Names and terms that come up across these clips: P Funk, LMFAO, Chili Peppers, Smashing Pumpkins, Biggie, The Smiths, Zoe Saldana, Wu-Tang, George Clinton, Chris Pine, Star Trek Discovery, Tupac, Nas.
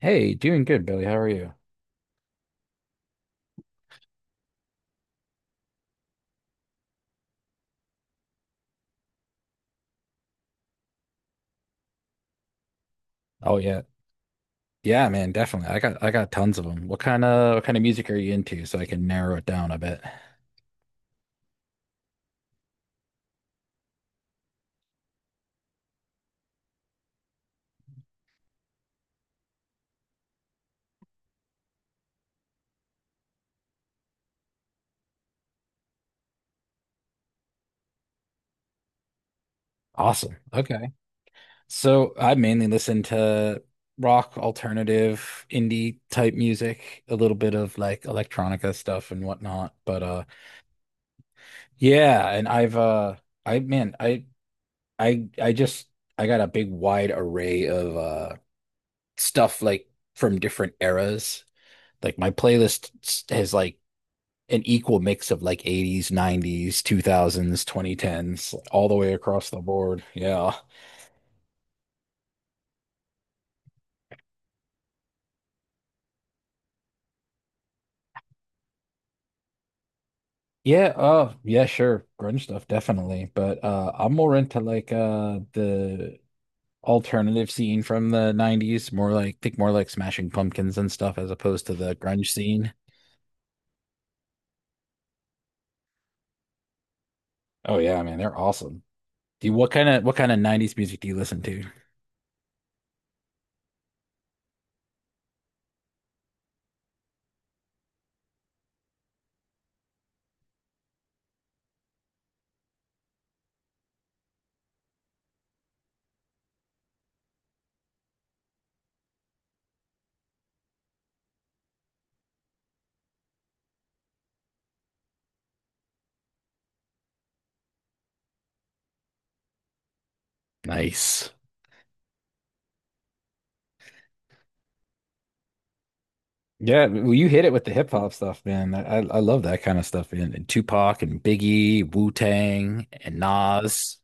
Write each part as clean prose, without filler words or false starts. Hey, doing good, Billy. How are you? Oh yeah. Yeah, man, definitely. I got tons of them. What kind of music are you into so I can narrow it down a bit? Awesome. Okay. So I mainly listen to rock, alternative, indie type music, a little bit of like electronica stuff and whatnot. And I've I man, I just I got a big wide array of stuff like from different eras. Like my has like an equal mix of like 80s, 90s, 2000s, 2010s, all the way across the board. Yeah. Yeah, sure. Grunge stuff, definitely. But I'm more into the alternative scene from the 90s, more like think more like Smashing Pumpkins and stuff as opposed to the grunge scene. Oh yeah, man, they're awesome. What kind of 90s music do you listen to? Nice. Yeah, well, you hit it with the hip hop stuff, man. I love that kind of stuff, man. And Tupac and Biggie, Wu-Tang and Nas.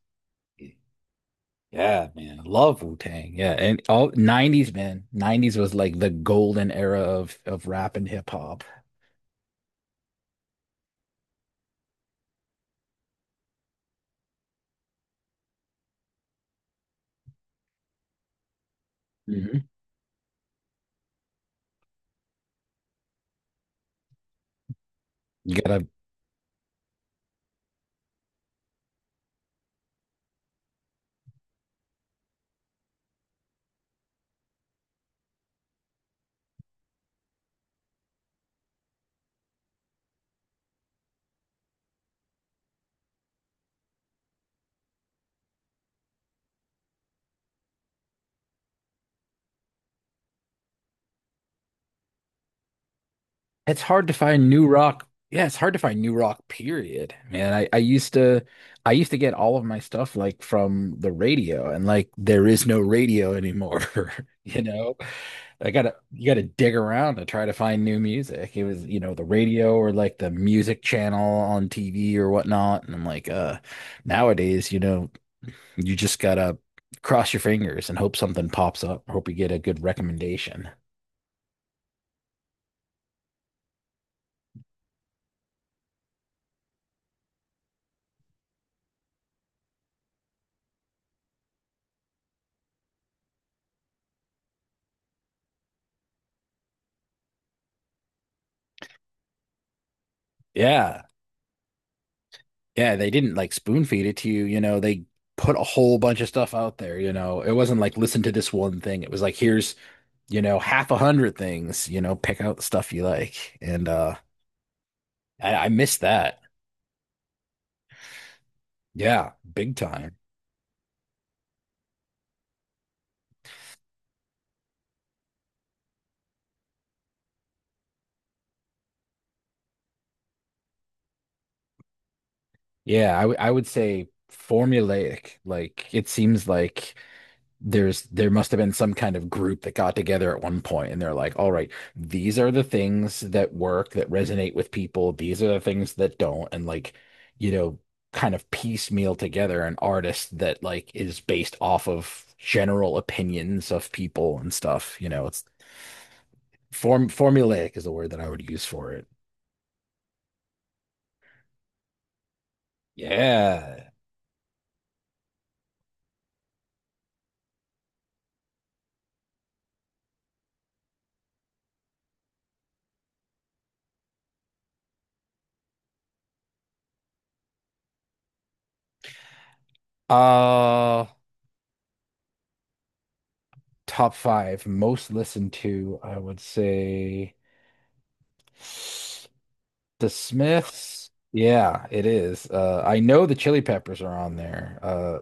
Yeah, man. Love Wu-Tang. Yeah, and all 90s, man. 90s was like the golden era of rap and hip hop. Mhm. You gotta It's hard to find new rock. Yeah, it's hard to find new rock, period. Man, I used to get all of my stuff like from the radio and like there is no radio anymore, you know? I gotta you gotta dig around to try to find new music. It was, you know, the radio or like the music channel on TV or whatnot. And I'm nowadays, you know, you just gotta cross your fingers and hope something pops up, hope you get a good recommendation. Yeah. Yeah, they didn't like spoon feed it to you, you know, they put a whole bunch of stuff out there, you know. It wasn't like listen to this one thing. It was like here's, you know, half a hundred things, you know, pick out the stuff you like. And I missed that. Yeah, big time. I would say formulaic. Like it seems like there must have been some kind of group that got together at one point and they're like, all right, these are the things that work, that resonate with people, these are the things that don't, and like, you know, kind of piecemeal together an artist that like is based off of general opinions of people and stuff. You know, it's formulaic is the word that I would use for it. Yeah. Uh, top five most listened to, I would say. The Smiths, yeah, it is. I know the Chili Peppers are on there.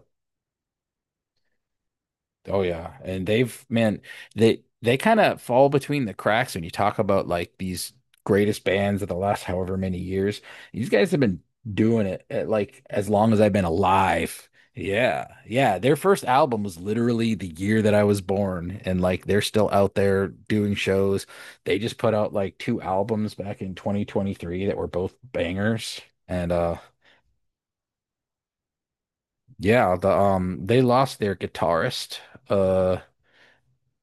Oh yeah, and they kind of fall between the cracks when you talk about like these greatest bands of the last however many years. These guys have been doing it like as long as I've been alive. Yeah, yeah. Their first album was literally the year that I was born, and like they're still out there doing shows. They just put out like two albums back in 2023 that were both bangers. And Yeah, the they lost their guitarist. Uh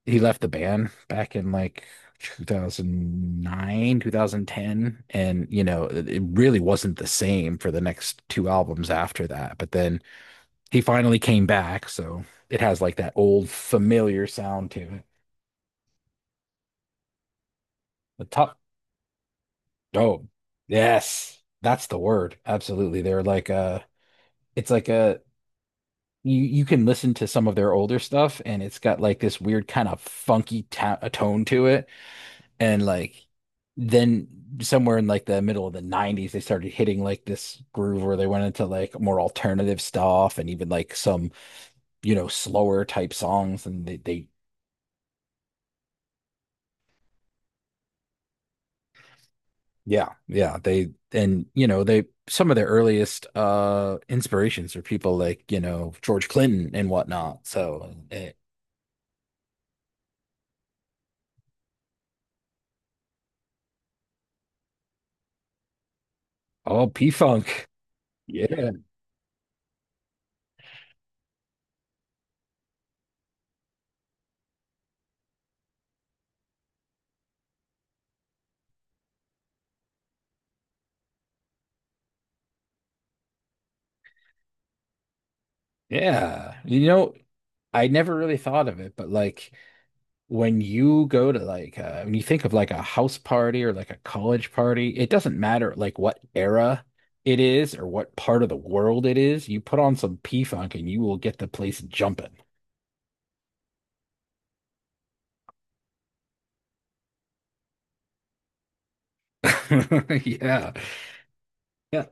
he left the band back in like 2009, 2010 and you know, it really wasn't the same for the next two albums after that. But then he finally came back, so it has like that old familiar sound to it. The top oh, yes. That's the word. Absolutely. They're like it's like a you can listen to some of their older stuff and it's got like this weird kind of funky tone to it. And like then somewhere in like the middle of the 90s, they started hitting like this groove where they went into like more alternative stuff and even like some, you know, slower type songs. And they yeah, yeah, they, and you know, they, some of their earliest inspirations are people like, you know, George Clinton and whatnot. Oh, P Funk. Yeah. Yeah. You know, I never really thought of it, but like, when you go to like when you think of like a house party or like a college party, it doesn't matter like what era it is or what part of the world it is. You put on some P-Funk and you will get the place jumping. Yeah. Yeah.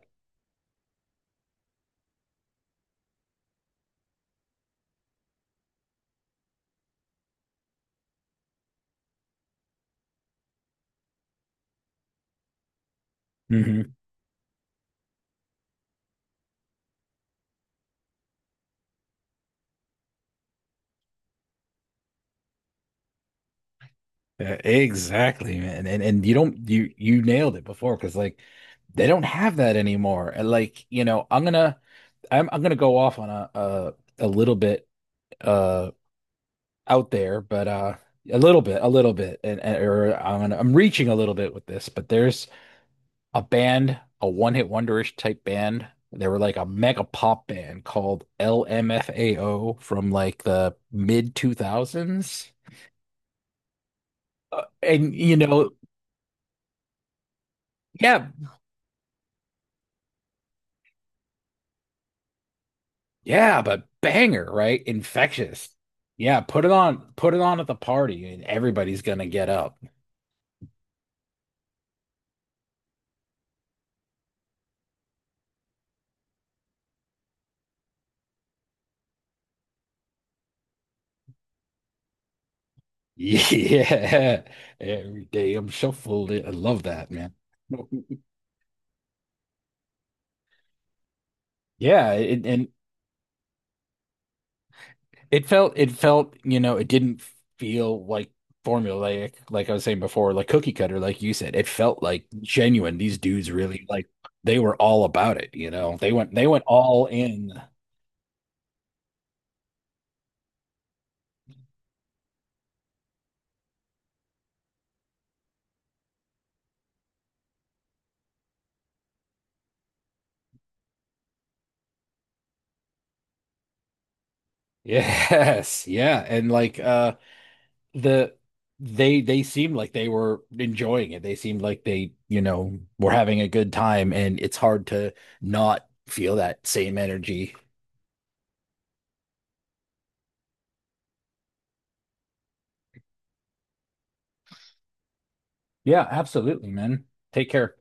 hmm Yeah, exactly, man. And you don't you nailed it before because like they don't have that anymore. And like, you know, I'm gonna go off on a little bit uh, out there, but a little bit, or I'm reaching a little bit with this, but there's a band, a one-hit wonderish type band. They were like a mega pop band called LMFAO from like the mid 2000s. Uh, and you know, yeah, yeah, but banger, right? Infectious. Yeah, put it on at the party and everybody's gonna get up. Yeah. Every day I'm shuffled. I love that, man. Yeah, it, and it felt, you know, it didn't feel like formulaic, like I was saying before, like cookie cutter, like you said. It felt like genuine. These dudes really like they were all about it, you know. They went all in. Yes, yeah. And the they seemed like they were enjoying it. They seemed like they, you know, were having a good time and it's hard to not feel that same energy. Yeah, absolutely, man. Take care.